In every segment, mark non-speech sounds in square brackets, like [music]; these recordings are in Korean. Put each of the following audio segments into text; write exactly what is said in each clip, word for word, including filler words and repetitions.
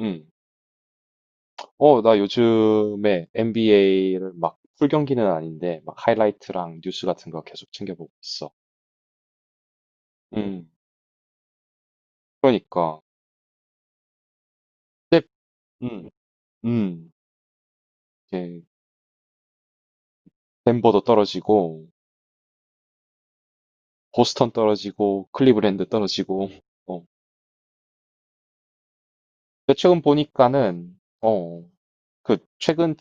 음. 어, 나 요즘에 엔비에이를 막 풀 경기는 아닌데 막 하이라이트랑 뉴스 같은 거 계속 챙겨보고 있어. 음. 그러니까 근데 음. 음. 이게 덴버도 떨어지고 보스턴 떨어지고 클리브랜드 떨어지고 어. 근데 최근 보니까는 어. 그 최근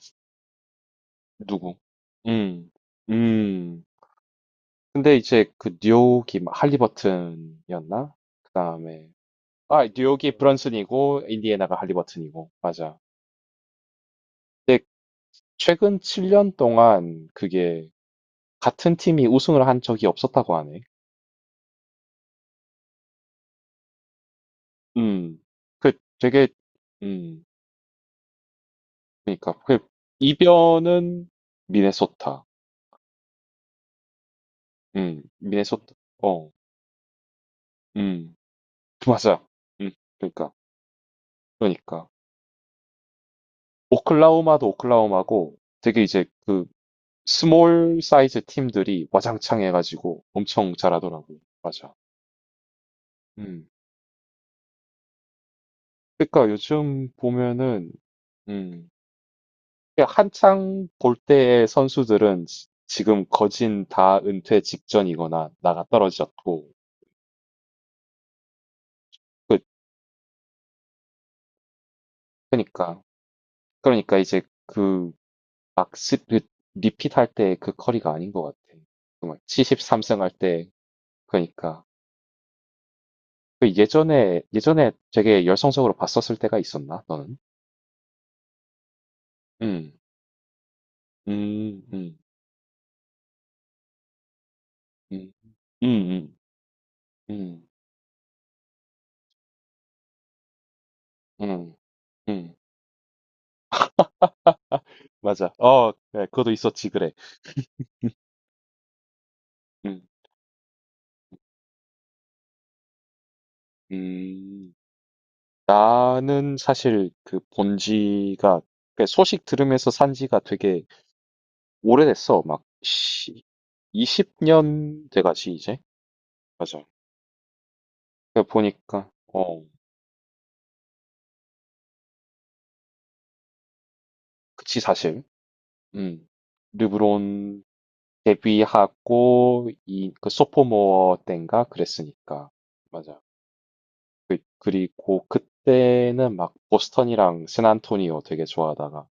누구? 음. 음. 근데 이제 그 뉴욕이 막 할리버튼이었나? 그다음에 아, 뉴욕이 브런슨이고 인디애나가 할리버튼이고 맞아. 근데 최근 칠 년 동안 그게 같은 팀이 우승을 한 적이 없었다고 하네. 음, 그 되게, 음, 그러니까 그 이변은 미네소타. 음, 미네소타. 어, 음, 맞아. 음, 그러니까, 그러니까 오클라호마도 오클라호마고 되게 이제 그 스몰 사이즈 팀들이 와장창 해가지고 엄청 잘하더라고. 맞아. 음, 그러니까 요즘 보면은 음. 한창 볼 때의 선수들은 지- 지금 거진 다 은퇴 직전이거나 나가 떨어졌고, 그, 그러니까, 그러니까 이제 그, 막, 시- 그 리핏 할 때 그 커리가 아닌 것 같아. 정말, 칠십삼 승 할 때, 그러니까. 그 예전에, 예전에 되게 열성적으로 봤었을 때가 있었나, 너는? 음, 음, 음, 음, 음, 음, 음, 음, 음, 맞아. 어, 그래, 그것도 있었지, 그래. 음, 음. 나는 사실 그 본지가 그러니까 소식 들으면서 산 지가 되게 오래됐어. 막 이십 년 돼가지 이제. 맞아. 그러니까 보니까 어 그치 사실. 음 르브론 데뷔하고 이그 소포모어 때인가 그랬으니까. 맞아. 그, 그리고 그때는 막 보스턴이랑 샌안토니오 되게 좋아하다가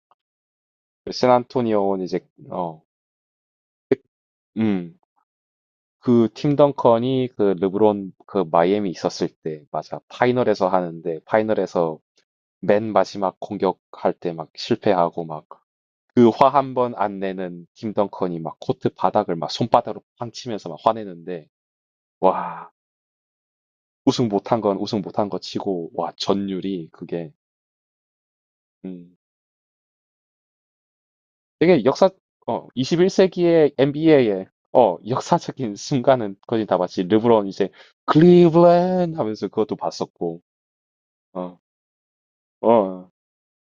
샌안토니오는 이제 어 그, 음. 그 팀 덩컨이 그 르브론 그 마이애미 있었을 때 맞아 파이널에서 하는데 파이널에서 맨 마지막 공격할 때 막 실패하고 막 그 화 한 번 안 내는 팀 덩컨이 막 코트 바닥을 막 손바닥으로 팡 치면서 막 화내는데 와 우승 못한 건 우승 못한 거 치고 와 전율이 그게 음 되게 역사 어 이십일 세기의 엔비에이의 어 역사적인 순간은 거의 다 봤지 르브론 이제 클리블랜드 하면서 그것도 봤었고. 어. 어.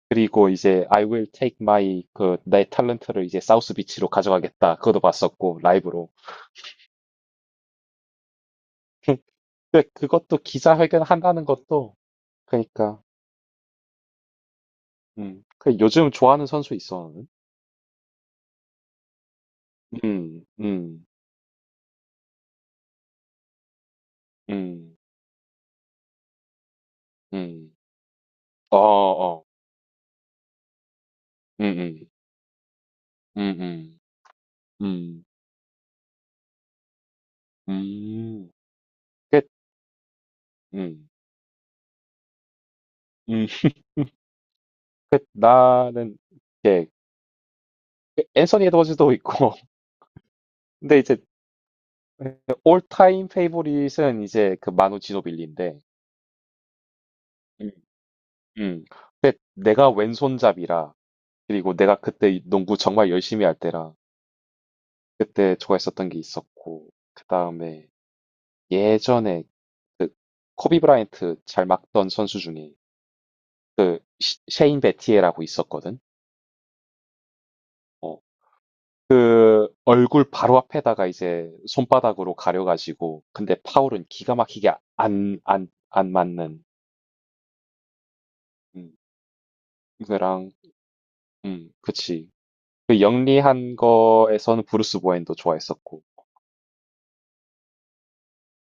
그리고 이제 I will take my 그 내 탤런트를 이제 사우스 비치로 가져가겠다. 그것도 봤었고 라이브로. [laughs] 근데 그것도 기자회견 한다는 것도 그러니까. 음. 그 요즘 좋아하는 선수 있어. 나는. 음. 음. 음. 음. 어, 어. 음. 음. 음. 음. 음. 음. 그 음. 음. 그 나는 이제 앤서니 에드워즈도 있고. [laughs] 근데 이제 올타임 페이보릿은 이제 그 마누 지노빌리인데 음. 근데 내가 왼손잡이라 그리고 내가 그때 농구 정말 열심히 할 때라 그때 좋아했었던 게 있었고 그다음에 예전에 그 코비 브라이언트 잘 막던 선수 중에 시- 셰인 베티에라고 있었거든. 어. 그 얼굴 바로 앞에다가 이제 손바닥으로 가려가지고 근데 파울은 기가 막히게 안, 안, 안 맞는 음. 그랑 음, 그치. 그 영리한 거에서는 브루스 보웬도 좋아했었고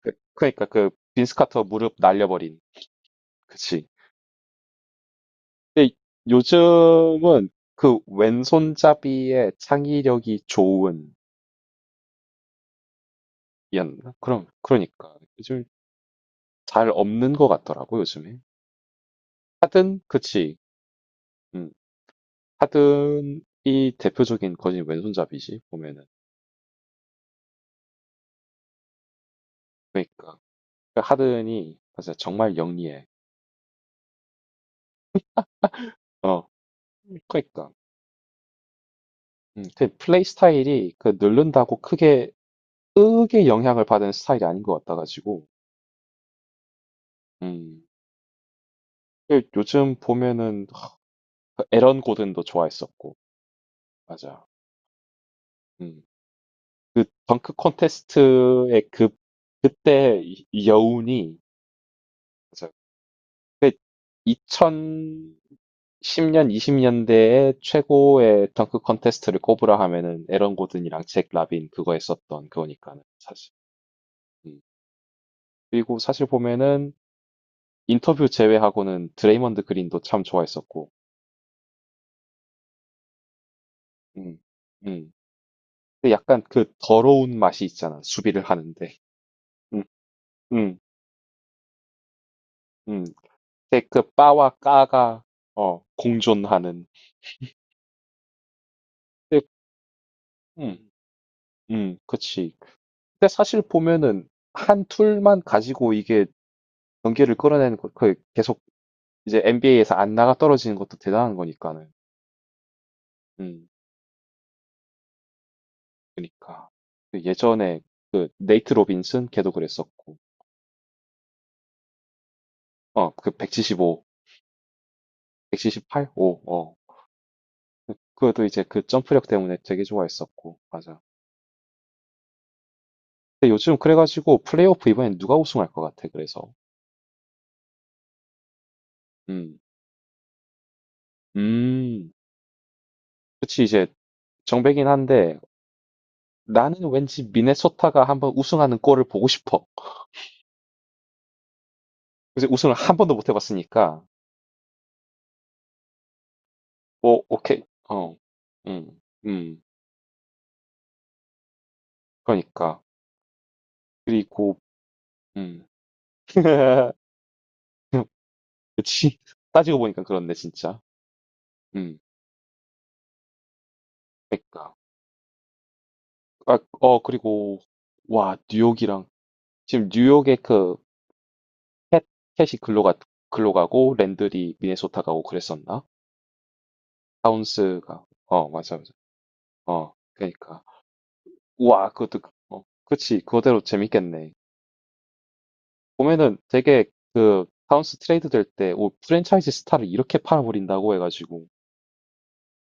그- 그러니까 그 빈스 카터 무릎 날려버린. 그치. 근데 요즘은 그 왼손잡이의 창의력이 좋은 이었나? 그럼 그러니까 요즘 잘 없는 것 같더라고 요즘에. 하든 그치. 음. 하든이 대표적인 거진 왼손잡이지 보면은. 그러니까 그 하든이 맞아 정말 영리해. 어. 그러니까. 음. 그 플레이 스타일이 그 늘른다고 크게 크게 영향을 받은 스타일이 아닌 것 같아가지고. 음. 그 요즘 보면은 그 에런 고든도 좋아했었고 맞아. 음. 그 덩크 콘테스트의 그 그때 이- 이 여운이 맞아. 그 이천십 년 이십 년대의 최고의 덩크 콘테스트를 꼽으라 하면은 에런 고든이랑 잭 라빈 그거 했었던 그거니까는 사실. 음. 그리고 사실 보면은 인터뷰 제외하고는 드레이먼드 그린도 참 좋아했었고. 음. 음. 근데 약간 그 더러운 맛이 있잖아. 수비를 하는데. 음. 음. 음, 근데 그 빠와 까가 어, 공존하는. 근데, 음, 음, 그치. 근데 사실 보면은 한 툴만 가지고 이게 경기를 끌어내는 거, 그 계속 이제 엔비에이에서 안 나가 떨어지는 것도 대단한 거니까는. 음, 그니까. 그 예전에 그 네이트 로빈슨 걔도 그랬었고, 어, 그 백칠십오, 백칠십팔, 점 오, 어. 그것도 이제 그 점프력 때문에 되게 좋아했었고, 맞아. 근데 요즘 그래가지고 플레이오프 이번엔 누가 우승할 것 같아, 그래서. 음, 음. 그치, 이제 정배긴 한데 나는 왠지 미네소타가 한번 우승하는 꼴을 보고 싶어. 그래서 우승을 한 번도 못 해봤으니까. 오, 오케이. 어, 음, 음, 그러니까. 그리고, 음. [laughs] 그치. 따지고 보니까 그렇네, 진짜. 음, 그러니까. 아, 어, 그리고, 와, 뉴욕이랑, 지금 뉴욕의 그, 캣, 캣이 글로 가, 글로 가고, 랜들이 미네소타 가고 그랬었나? 타운스가, 어, 맞아, 맞아. 어, 그러니까. 우와, 그것도, 그- 어, 그치, 그거대로 재밌겠네. 보면은 되게 그, 파운스 트레이드 될 때, 오, 프랜차이즈 스타를 이렇게 팔아버린다고 해가지고,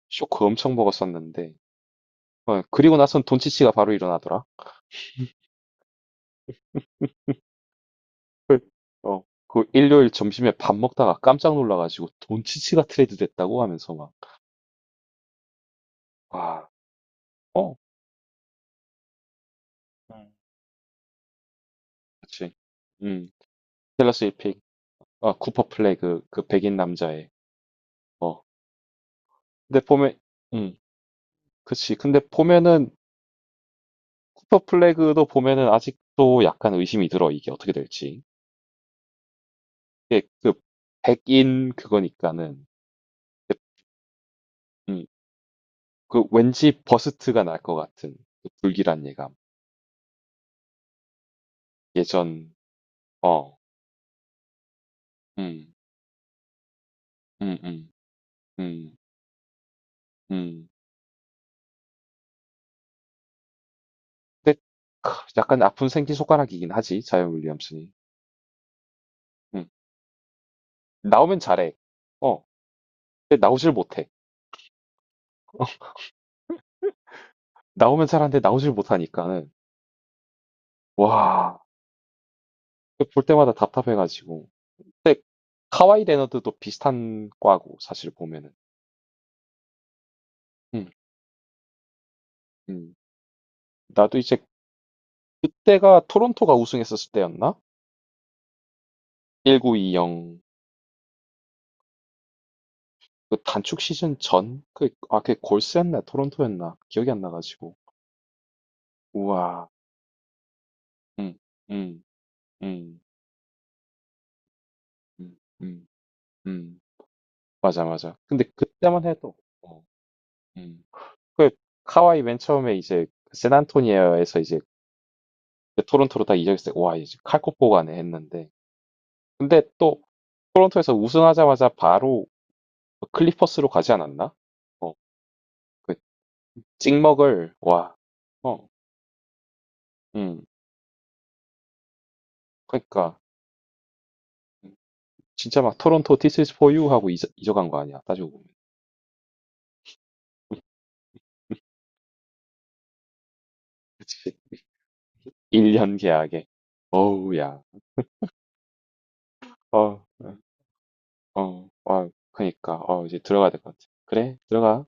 쇼크 엄청 먹었었는데, 어, 그리고 나선 돈치치가 바로 일어나더라. 헐. 어, 그 일요일 점심에 밥 먹다가 깜짝 놀라가지고, 돈치치가 트레이드 됐다고 하면서 막, 와, 어, 음. 그치. 음, 댈러스 일픽, 어, 쿠퍼 플레이 그, 그 백인 남자의, 어. 근데 보면, 음, 그치. 근데 보면은 쿠퍼 플래그도 보면은 아직도 약간 의심이 들어, 이게 어떻게 될지. 이게 그 백인 그거니까는 음, 그 왠지 버스트가 날 것 같은 그 불길한 예감. 예전 어, 음, 음, 음, 음, 음. 근데 크, 약간 아픈 생기 손가락이긴 하지, 자이언 윌리엄슨이. 음. 나오면 잘해. 어, 근데 나오질 못해. [laughs] 나오면 잘하는데 나오질 못하니까는 와, 볼 때마다 답답해가지고. 카와이 레너드도 비슷한 과고 사실 보면은. 음, 음. 나도 이제 그때가 토론토가 우승했었을 때였나? 십구 이십. 그 단축 시즌 전? 그, 아, 그게 골스였나? 토론토였나? 기억이 안 나가지고. 우와. 음, 음, 음, 음, 음, 음. 맞아, 맞아. 근데 그때만 해도, 어, 음. 그, 카와이 맨 처음에 이제, 샌안토니에에서 이제, 그 토론토로 다 이적했을 때, 와, 이제 칼코포가네 했는데. 근데 또, 토론토에서 우승하자마자 바로 클리퍼스로 가지 않았나? 어, 그 찍먹을 와, 어, 음, 그러니까 진짜 막 토론토 This is for you 하고 잊어, 잊어간 거 아니야? 따지고 보면. 그치? [laughs] 일 년 계약에. 어우, 야. 어, 어, 어.. 어, 그러니까. 어, 이제 들어가야 될 것 같아. 그래, 들어가.